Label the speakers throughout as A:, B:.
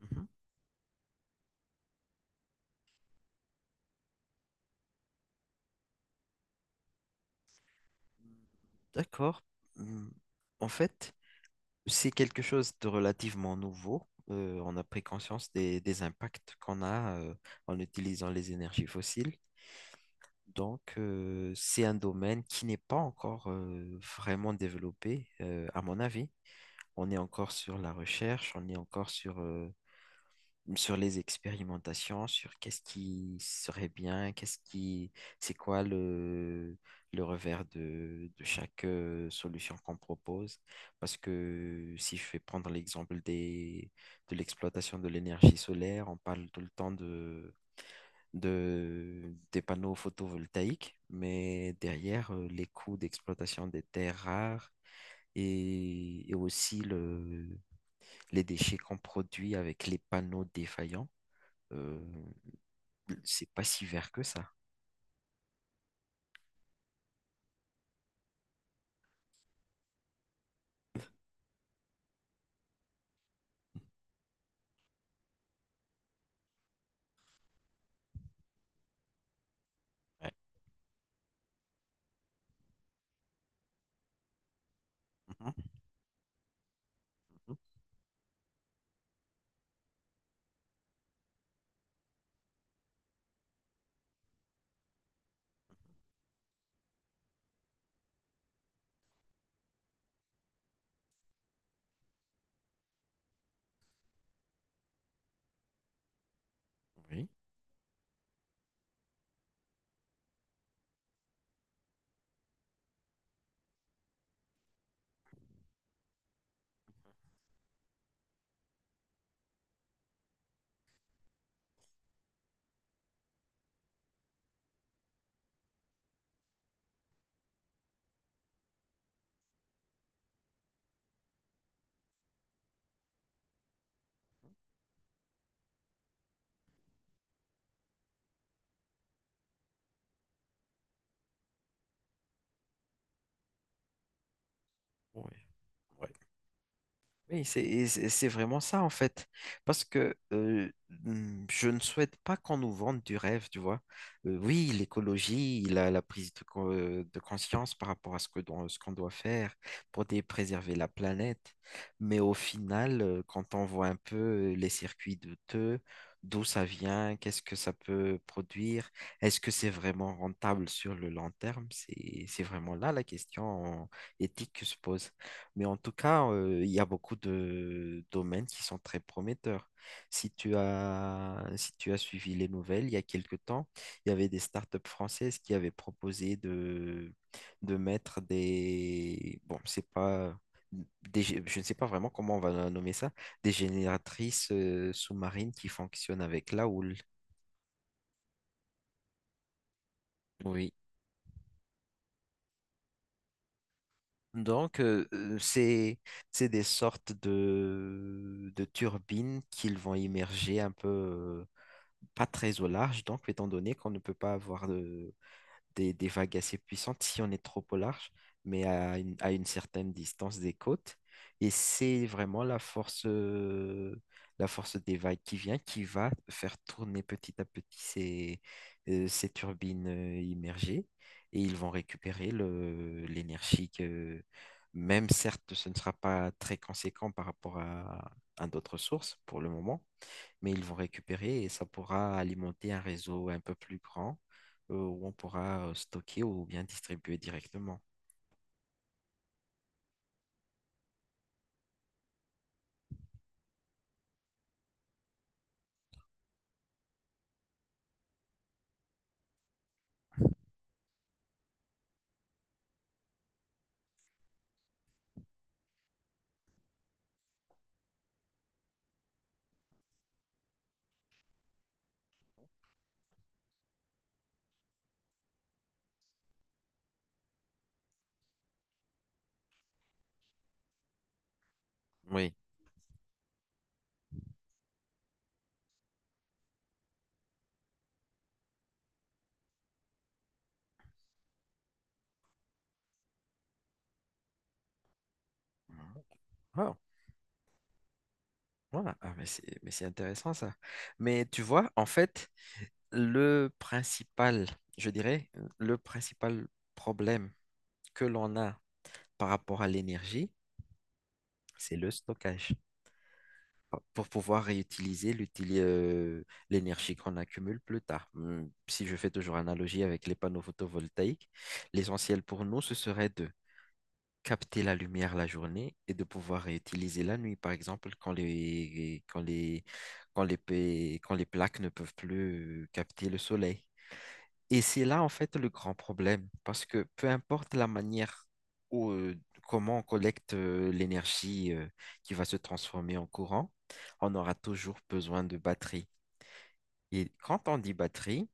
A: Mhm. D'accord. Hum, En fait, c'est quelque chose de relativement nouveau. On a pris conscience des impacts qu'on a en utilisant les énergies fossiles. Donc, c'est un domaine qui n'est pas encore vraiment développé, à mon avis. On est encore sur la recherche, on est encore sur les expérimentations, sur qu'est-ce qui serait bien, c'est quoi le revers de chaque solution qu'on propose. Parce que si je vais prendre l'exemple de l'exploitation de l'énergie solaire, on parle tout le temps des panneaux photovoltaïques, mais derrière, les coûts d'exploitation des terres rares, et aussi les déchets qu'on produit avec les panneaux défaillants. Euh, c'est pas si vert que ça. Ouais. Mhm, mhm. Oui. Oui. Oui, c'est vraiment ça en fait. Parce que je ne souhaite pas qu'on nous vende du rêve, tu vois. Oui, l'écologie, la prise de, de conscience par rapport à ce que, ce qu'on doit faire pour préserver la planète. Mais au final, quand on voit un peu les circuits de douteux, d'où ça vient, qu'est-ce que ça peut produire, est-ce que c'est vraiment rentable sur le long terme? C'est vraiment là la question éthique que se pose. Mais en tout cas, il y a beaucoup de domaines qui sont très prometteurs. Si tu as suivi les nouvelles, il y a quelque temps, il y avait des startups françaises qui avaient proposé de mettre des... Bon, c'est pas... je ne sais pas vraiment comment on va nommer ça, des génératrices sous-marines qui fonctionnent avec la houle. Oui. Donc, c'est des sortes de turbines qu'ils vont immerger un peu pas très au large, donc étant donné qu'on ne peut pas avoir des vagues assez puissantes si on est trop au large, mais à à une certaine distance des côtes. Et c'est vraiment la force des vagues qui vient, qui va faire tourner petit à petit ces, ces turbines immergées, et ils vont récupérer l'énergie que, même certes, ce ne sera pas très conséquent par rapport à d'autres sources pour le moment, mais ils vont récupérer et ça pourra alimenter un réseau un peu plus grand où on pourra stocker ou bien distribuer directement. Oui. Ah, voilà. Mais c'est intéressant ça. Mais tu vois, en fait, le principal, je dirais, le principal problème que l'on a par rapport à l'énergie, c'est le stockage, pour pouvoir réutiliser l'énergie qu'on accumule plus tard. Si je fais toujours analogie avec les panneaux photovoltaïques, l'essentiel pour nous, ce serait de capter la lumière la journée et de pouvoir réutiliser la nuit, par exemple, quand les plaques ne peuvent plus capter le soleil. Et c'est là, en fait, le grand problème, parce que peu importe la manière ou comment on collecte l'énergie qui va se transformer en courant, on aura toujours besoin de batterie. Et quand on dit batterie,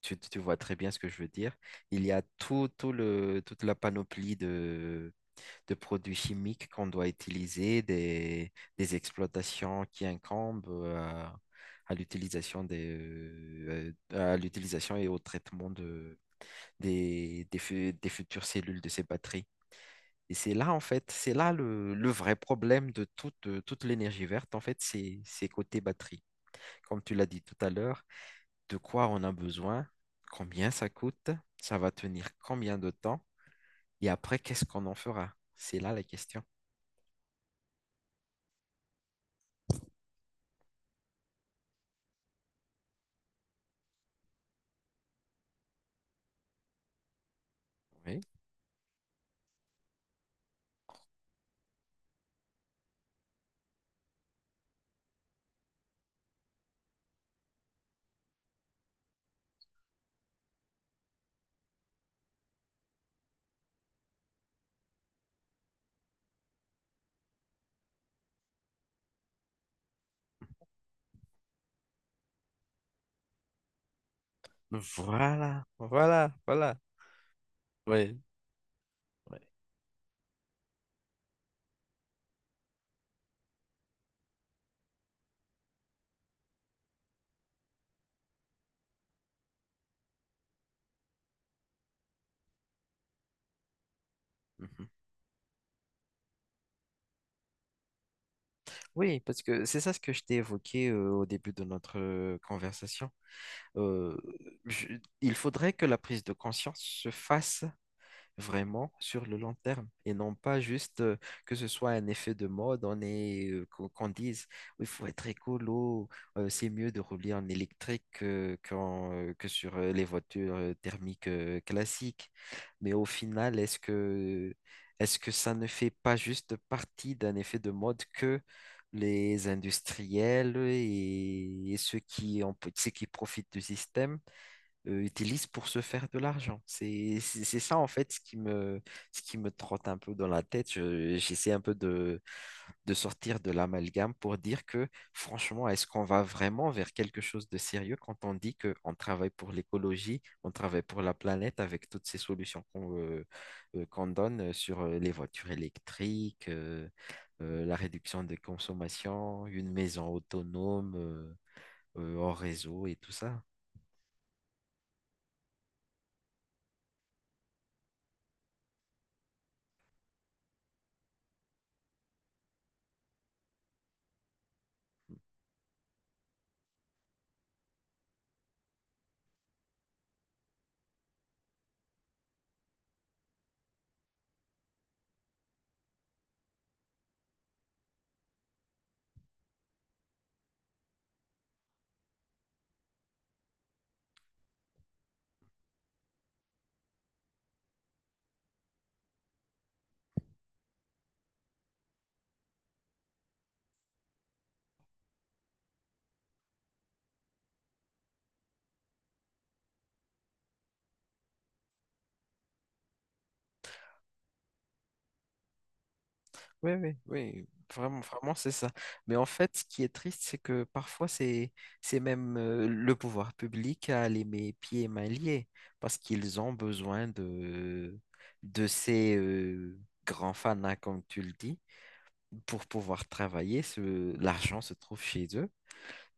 A: tu vois très bien ce que je veux dire, il y a toute la panoplie de produits chimiques qu'on doit utiliser, des exploitations qui incombent à l'utilisation à l'utilisation et au traitement de des futures cellules de ces batteries. Et c'est là, en fait, c'est là le vrai problème de toute, toute l'énergie verte, en fait, c'est côté batterie. Comme tu l'as dit tout à l'heure, de quoi on a besoin, combien ça coûte, ça va tenir combien de temps, et après, qu'est-ce qu'on en fera? C'est là la question. Oui. Voilà, voilà, voilà. Oui. Mhm. Oui, parce que c'est ça ce que je t'ai évoqué au début de notre conversation. Euh, je- il faudrait que la prise de conscience se fasse vraiment sur le long terme et non pas juste que ce soit un effet de mode, qu'on dise il faut être écolo, c'est mieux de rouler en électrique que sur les voitures thermiques classiques. Mais au final, est-ce que ça ne fait pas juste partie d'un effet de mode que les industriels et ceux qui, ceux qui profitent du système utilisent pour se faire de l'argent. C'est ça en fait ce qui me trotte un peu dans la tête. J'essaie un peu de sortir de l'amalgame pour dire que franchement, est-ce qu'on va vraiment vers quelque chose de sérieux quand on dit qu'on travaille pour l'écologie, on travaille pour la planète avec toutes ces solutions qu'on donne sur les voitures électriques, la réduction des consommations, une maison autonome, hors réseau et tout ça. Oui, oui, oui, vraiment, vraiment, c'est ça. Mais en fait, ce qui est triste, c'est que parfois, c'est même le pouvoir public a les mes pieds et mains liés parce qu'ils ont besoin de ces grands fanas, comme tu le dis, pour pouvoir travailler. L'argent se trouve chez eux.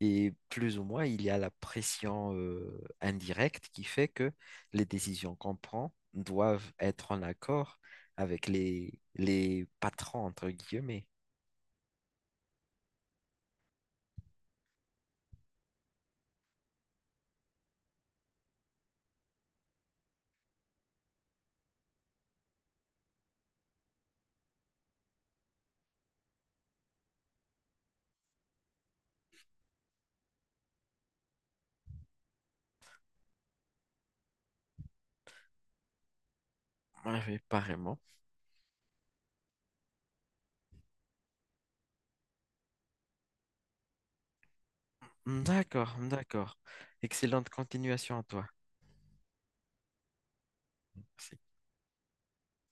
A: Et plus ou moins, il y a la pression indirecte qui fait que les décisions qu'on prend doivent être en accord avec les patrons, entre guillemets. Ah oui, pareillement. D'accord, d'accord. Excellente continuation à toi.